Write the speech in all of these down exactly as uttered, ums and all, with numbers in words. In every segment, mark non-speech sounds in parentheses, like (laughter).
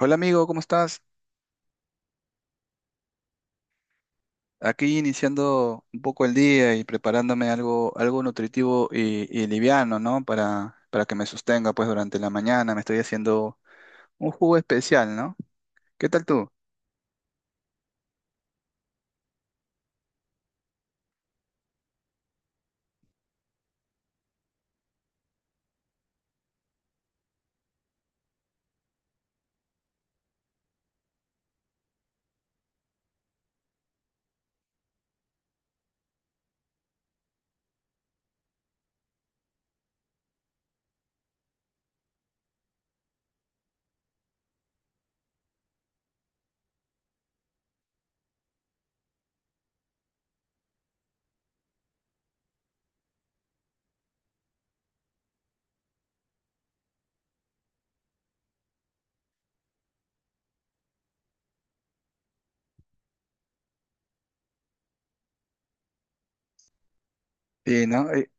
Hola amigo, ¿cómo estás? Aquí iniciando un poco el día y preparándome algo, algo nutritivo y, y liviano, ¿no? Para, para que me sostenga pues durante la mañana. Me estoy haciendo un jugo especial, ¿no? ¿Qué tal tú? Sí, ¿no? Eh,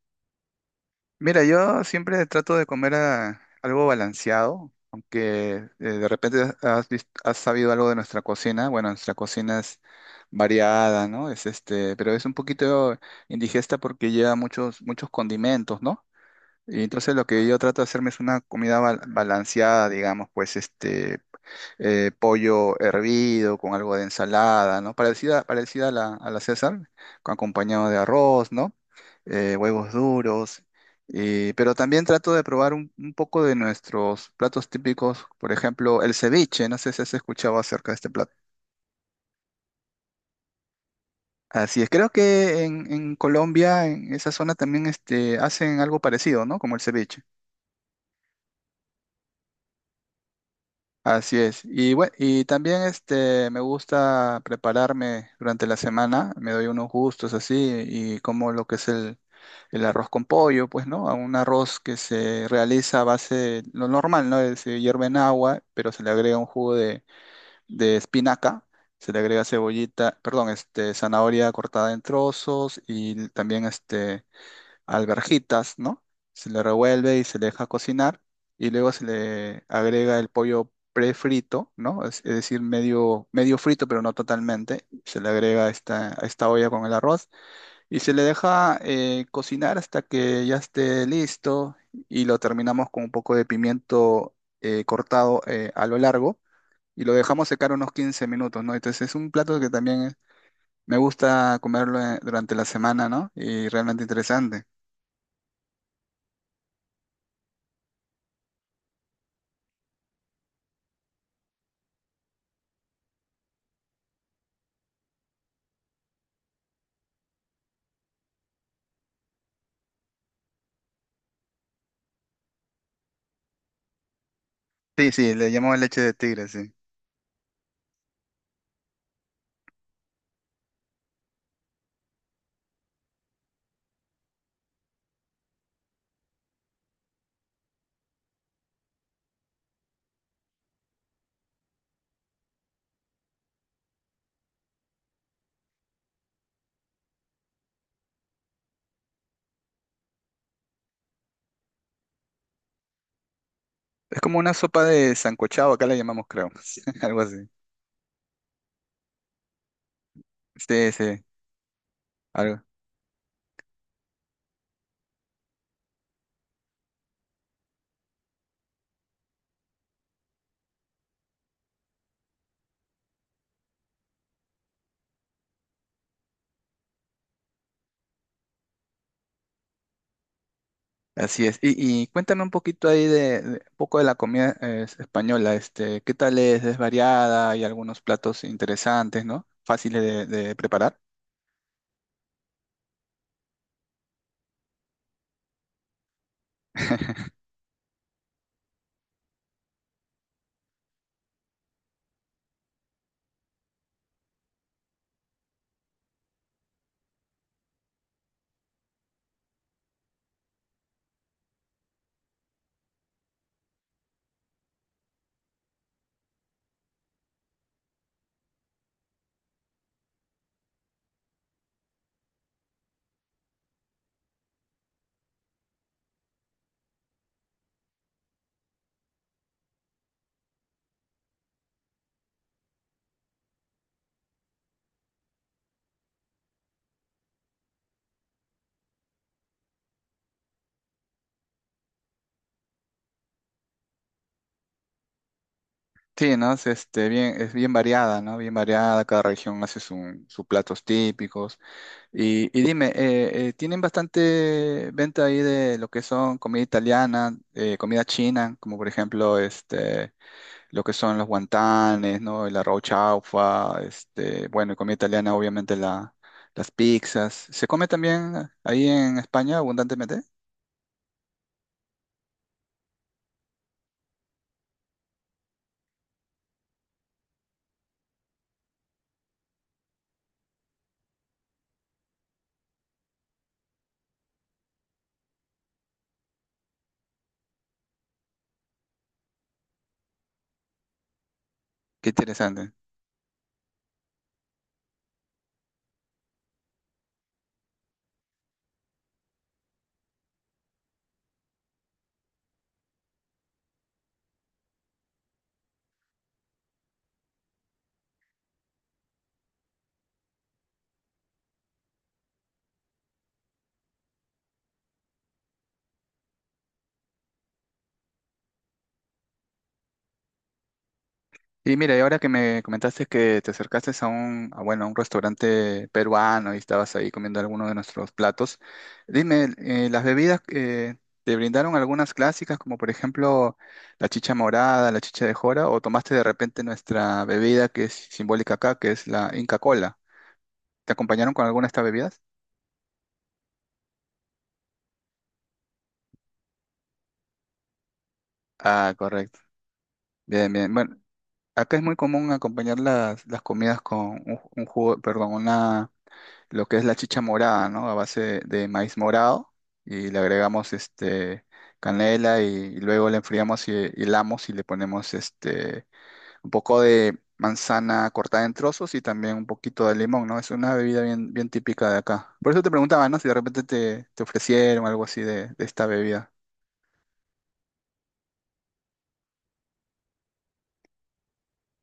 mira, yo siempre trato de comer ah, algo balanceado, aunque eh, de repente has, vis- has sabido algo de nuestra cocina. Bueno, nuestra cocina es variada, ¿no? Es este, pero es un poquito indigesta porque lleva muchos, muchos condimentos, ¿no? Y entonces lo que yo trato de hacerme es una comida bal- balanceada, digamos, pues este eh, pollo hervido con algo de ensalada, ¿no? Parecida, parecida a la, a la César, con acompañado de arroz, ¿no? Eh, huevos duros. Y, pero también trato de probar un, un poco de nuestros platos típicos, por ejemplo, el ceviche, no sé si has escuchado acerca de este plato. Así es, creo que en, en Colombia, en esa zona también este, hacen algo parecido, ¿no? Como el ceviche. Así es. Y bueno, y también este me gusta prepararme durante la semana, me doy unos gustos así y como lo que es el, el arroz con pollo, pues, ¿no? A Un arroz que se realiza a base, lo normal, ¿no? Es, Se hierve en agua, pero se le agrega un jugo de, de espinaca, se le agrega cebollita, perdón, este, zanahoria cortada en trozos y también este alverjitas, ¿no? Se le revuelve y se le deja cocinar y luego se le agrega el pollo prefrito, ¿no? Es, es decir, medio, medio frito, pero no totalmente. Se le agrega esta, a esta olla con el arroz y se le deja eh, cocinar hasta que ya esté listo y lo terminamos con un poco de pimiento eh, cortado eh, a lo largo y lo dejamos secar unos quince minutos, ¿no? Entonces es un plato que también me gusta comerlo eh, durante la semana, ¿no? Y realmente interesante. Sí, sí, le llamamos leche de tigre, sí. Es como una sopa de sancochado, acá la llamamos, creo. (laughs) Algo así. Sí, sí, algo. Así es. Y, y cuéntame un poquito ahí de, de- un poco de la comida eh, española, este, ¿qué tal es? ¿Es variada? Hay algunos platos interesantes, ¿no? Fáciles de, de preparar. Sí, ¿no? Es, este, bien, es bien variada, ¿no? Bien variada, cada región hace su- sus platos típicos. Y, y dime, eh, eh, ¿tienen bastante venta ahí de lo que son comida italiana, eh, comida china, como por ejemplo este, lo que son los guantanes, ¿no? El arroz chaufa, este, bueno, y comida italiana, obviamente la, las pizzas. ¿Se come también ahí en España abundantemente? Qué interesante. Y mira, y ahora que me comentaste que te acercaste a un, a, bueno, a un restaurante peruano y estabas ahí comiendo alguno de nuestros platos, dime, eh, ¿las bebidas eh, te brindaron algunas clásicas, como por ejemplo la chicha morada, la chicha de jora, o tomaste de repente nuestra bebida que es simbólica acá, que es la Inca Cola? ¿Te acompañaron con alguna de estas bebidas? Ah, correcto. Bien, bien. Bueno, acá es muy común acompañar las, las comidas con un, un jugo, perdón, una lo que es la chicha morada, ¿no? A base de, de maíz morado y le agregamos este canela y, y luego le enfriamos y hilamos y le ponemos este un poco de manzana cortada en trozos y también un poquito de limón, ¿no? Es una bebida bien, bien típica de acá. Por eso te preguntaba, ¿no? Si de repente te, te ofrecieron algo así de, de esta bebida.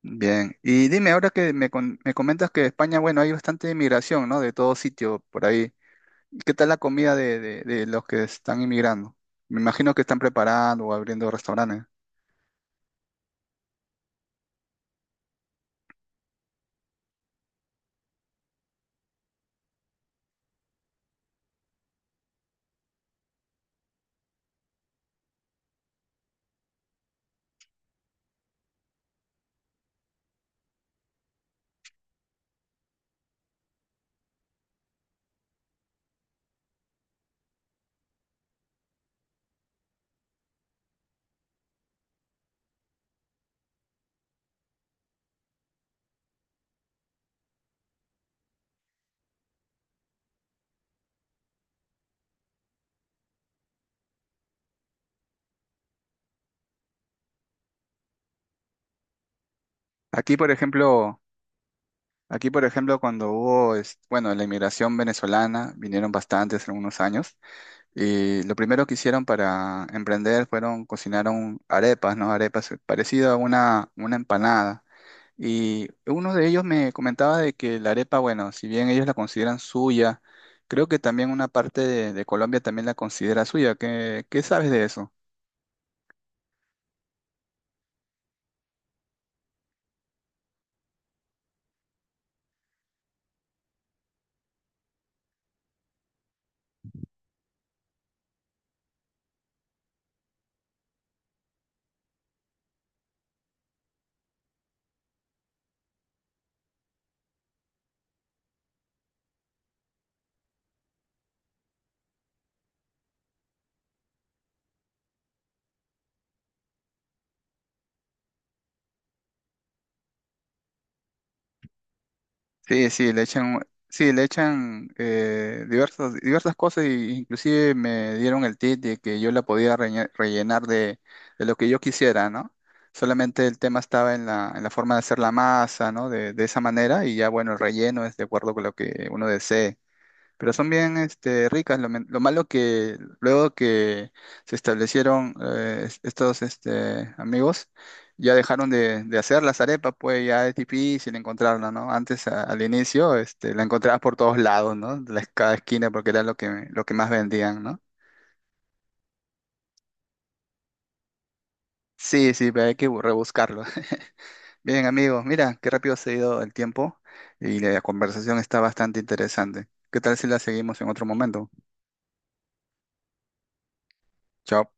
Bien, y dime, ahora que me, con- me comentas que España, bueno, hay bastante inmigración, ¿no? De todo sitio por ahí. ¿Y qué tal la comida de, de- de los que están inmigrando? Me imagino que están preparando o abriendo restaurantes. Aquí, por ejemplo, aquí, por ejemplo, cuando hubo, es- bueno, la inmigración venezolana, vinieron bastantes en unos años, y lo primero que hicieron para emprender fueron, cocinaron arepas, ¿no? Arepas eh, parecido a una, una empanada. Y uno de ellos me comentaba de que la arepa, bueno, si bien ellos la consideran suya, creo que también una parte de, de Colombia también la considera suya. ¿Qué, qué sabes de eso? Sí, sí, le echan, sí, le echan eh, diversas, diversas cosas y inclusive me dieron el tip de que yo la podía reñe- rellenar de, de lo que yo quisiera, ¿no? Solamente el tema estaba en la, en la forma de hacer la masa, ¿no? De, de esa manera y ya, bueno, el relleno es de acuerdo con lo que uno desee. Pero son bien este, ricas. Lo, men- lo malo que luego que se establecieron eh, es- estos este, amigos, ya dejaron de, de hacer las arepas, pues ya es difícil encontrarla, ¿no? Antes, a- al inicio, este, la encontrabas por todos lados, ¿no? De la- cada esquina, porque era lo que, lo que más vendían, ¿no? Sí, sí, pero hay que bu- rebuscarlo. (laughs) Bien, amigos, mira, qué rápido se ha ido el tiempo y la conversación está bastante interesante. ¿Qué tal si la seguimos en otro momento? Chao.